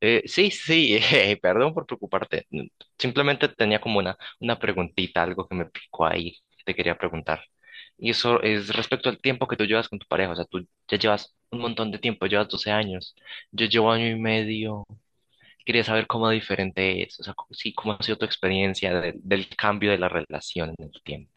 Sí, sí, perdón por preocuparte. Mm, Simplemente tenía como una preguntita, algo que me picó ahí, que te quería preguntar. Y eso es respecto al tiempo que tú llevas con tu pareja. O sea, tú ya llevas un montón de tiempo, llevas 12 años. Yo llevo año y medio. Quería saber cómo diferente es. O sea, sí, cómo ha sido tu experiencia del cambio de la relación en el tiempo.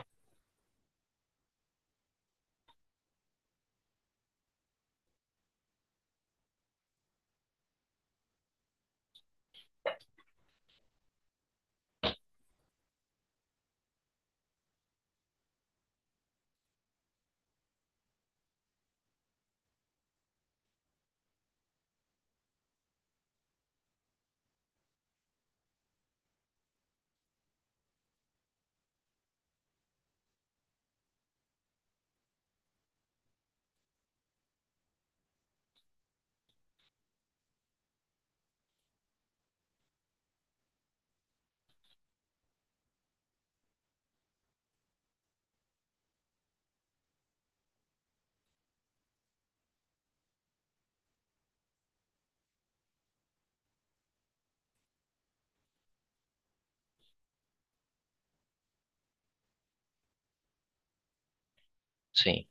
Sí,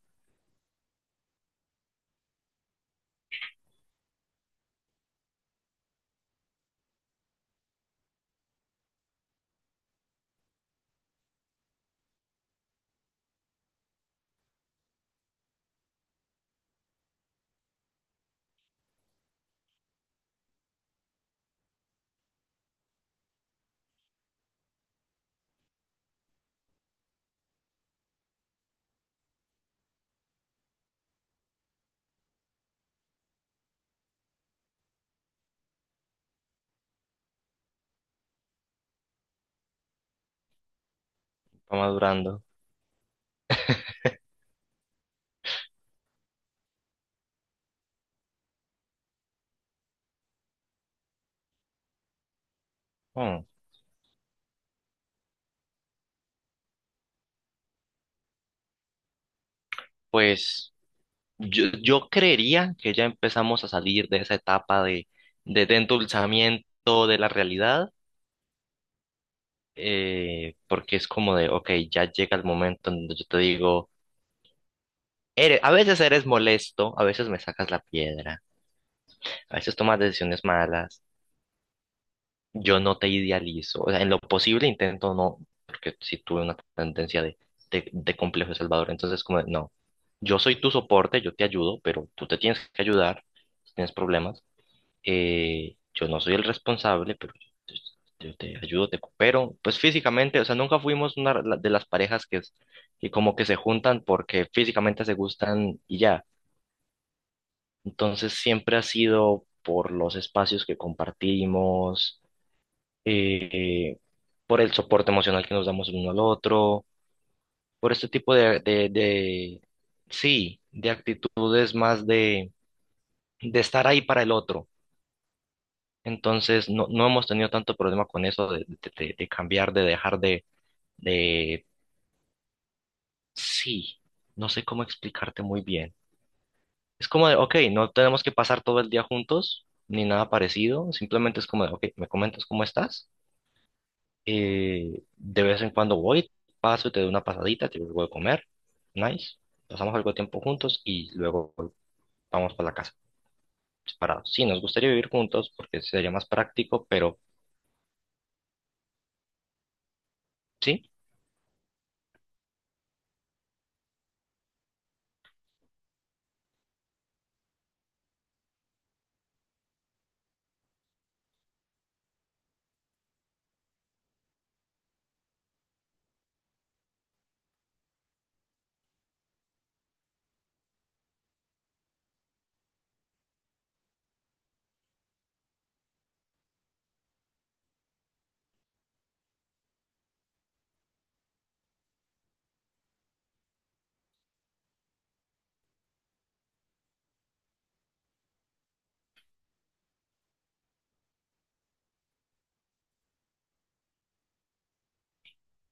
va madurando. Mm, Pues, yo creería que ya empezamos a salir de esa etapa de, de endulzamiento de la realidad, porque es como de, ok, ya llega el momento en donde yo te digo, eres, a veces eres molesto, a veces me sacas la piedra, a veces tomas decisiones malas, yo no te idealizo, o sea, en lo posible intento no, porque si tuve una tendencia de, de complejo de Salvador, entonces como de, no, yo soy tu soporte, yo te ayudo, pero tú te tienes que ayudar si tienes problemas. Yo no soy el responsable, pero yo te ayudo, te coopero. Pues físicamente, o sea, nunca fuimos una de las parejas que como que se juntan porque físicamente se gustan y ya. Entonces siempre ha sido por los espacios que compartimos, eh, por el soporte emocional que nos damos el uno al otro, por este tipo de, de sí, de actitudes más de estar ahí para el otro. Entonces, no, no hemos tenido tanto problema con eso de, de cambiar, de dejar de, de. Sí, no sé cómo explicarte muy bien. Es como de, ok, no tenemos que pasar todo el día juntos, ni nada parecido. Simplemente es como de, ok, me comentas cómo estás. De vez en cuando voy, paso y te doy una pasadita, te voy a comer. Nice. Pasamos algo de tiempo juntos y luego vamos para la casa, separados. Sí, nos gustaría vivir juntos porque sería más práctico, pero sí,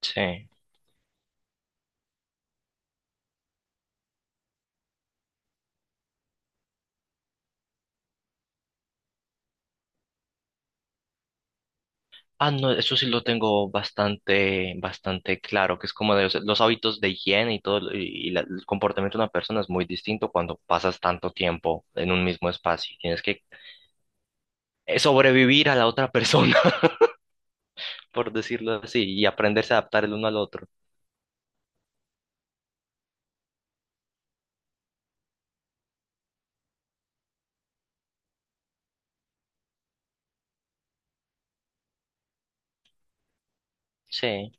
sí. Ah, no, eso sí lo tengo bastante, bastante claro, que es como de, o sea, los hábitos de higiene y todo, y el comportamiento de una persona es muy distinto cuando pasas tanto tiempo en un mismo espacio. Tienes que sobrevivir a la otra persona, por decirlo así, y aprenderse a adaptar el uno al otro. Sí,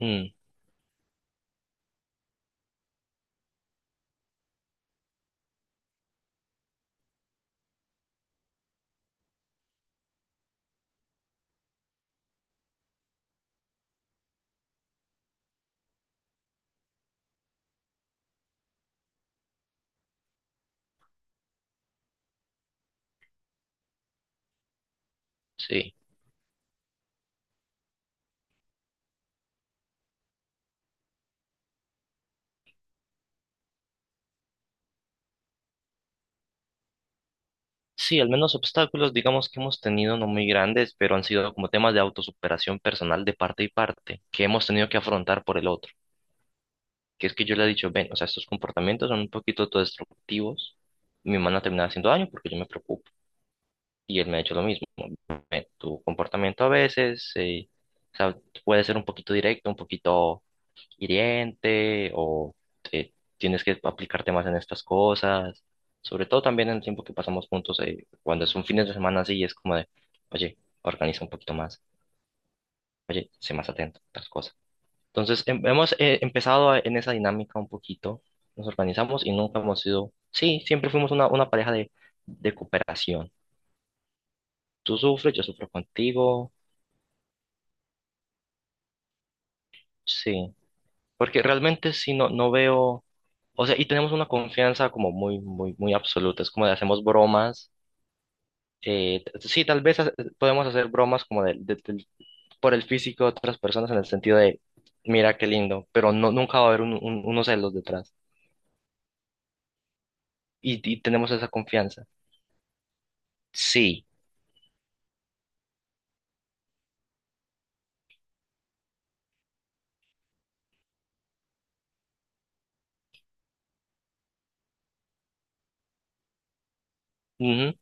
mm, sí. Sí, al menos obstáculos, digamos que hemos tenido no muy grandes, pero han sido como temas de autosuperación personal de parte y parte, que hemos tenido que afrontar por el otro, que es que yo le he dicho, ven, o sea, estos comportamientos son un poquito autodestructivos, me van a terminar haciendo daño porque yo me preocupo. Y él me ha hecho lo mismo, ¿no? Ven, tu comportamiento a veces, o sea, puede ser un poquito directo, un poquito hiriente, o eh, tienes que aplicarte más en estas cosas, sobre todo también en el tiempo que pasamos juntos, cuando es un fin de semana así, es como de, oye, organiza un poquito más, oye, sé más atento a otras cosas. Entonces, hemos empezado en esa dinámica un poquito, nos organizamos y nunca hemos sido, sí, siempre fuimos una pareja de cooperación. Tú sufres, yo sufro contigo, sí, porque realmente sí no, no veo, o sea, y tenemos una confianza como muy, muy, muy absoluta, es como de hacemos bromas, sí, tal vez podemos hacer bromas como por el físico de otras personas en el sentido de, mira qué lindo, pero no, nunca va a haber unos celos detrás y tenemos esa confianza. Sí. Ujú.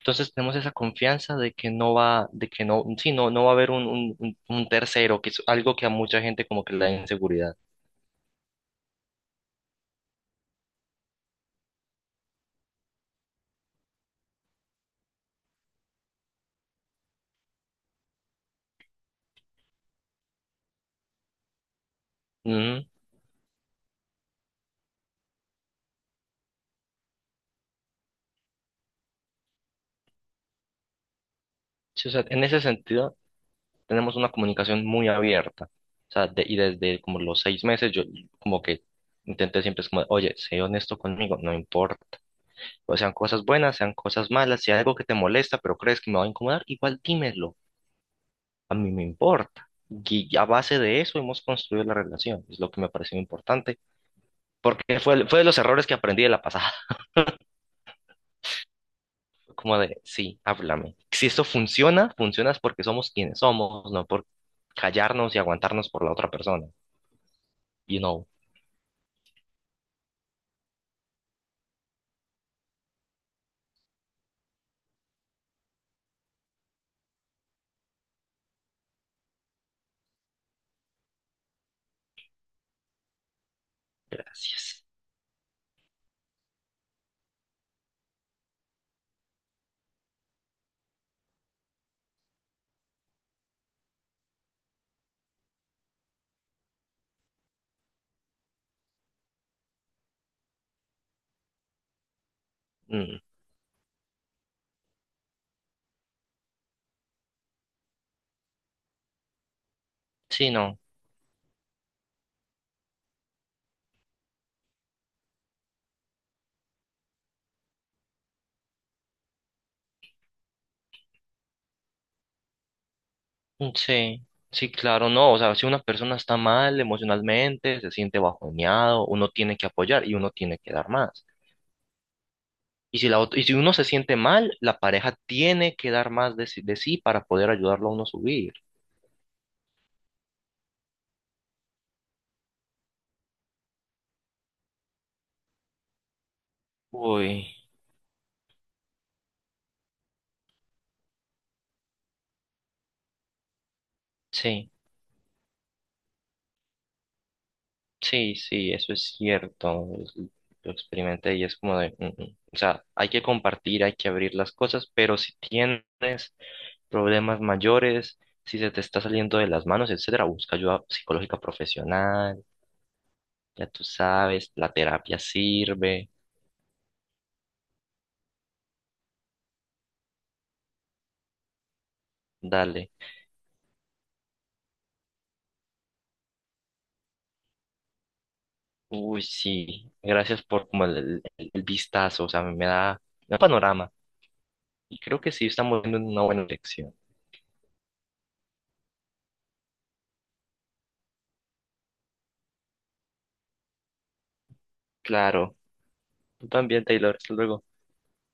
Entonces tenemos esa confianza de que no va, de que no, sí, no, no va a haber un tercero, que es algo que a mucha gente como que le da inseguridad. Ujú. Sí, o sea, en ese sentido tenemos una comunicación muy abierta. O sea, y desde como los 6 meses yo como que intenté siempre es como, oye, sé honesto conmigo, no importa. O sean cosas buenas, sean cosas malas, si hay algo que te molesta, pero crees que me va a incomodar, igual dímelo. A mí me importa. Y a base de eso hemos construido la relación. Es lo que me pareció importante porque fue, fue de los errores que aprendí de la pasada. Fue como de, sí, háblame. Si esto funciona, funciona es porque somos quienes somos, no por callarnos y aguantarnos por la otra persona. You know, Gracias. Mm, sí, no. Mm, sí, sí, claro, no. O sea, si una persona está mal emocionalmente, se siente bajoneado, uno tiene que apoyar y uno tiene que dar más. Y si la y si uno se siente mal, la pareja tiene que dar más de sí para poder ayudarlo a uno a subir. Uy, sí. Sí, sí, eso es cierto. Lo experimenté y es como de, "Mm, mm". O sea, hay que compartir, hay que abrir las cosas, pero si tienes problemas mayores, si se te está saliendo de las manos, etcétera, busca ayuda psicológica profesional, ya tú sabes, la terapia sirve, dale. Uy, sí, gracias por como el, el vistazo, o sea, me da un panorama y creo que sí estamos en una buena dirección. Claro, tú también, Taylor, hasta luego.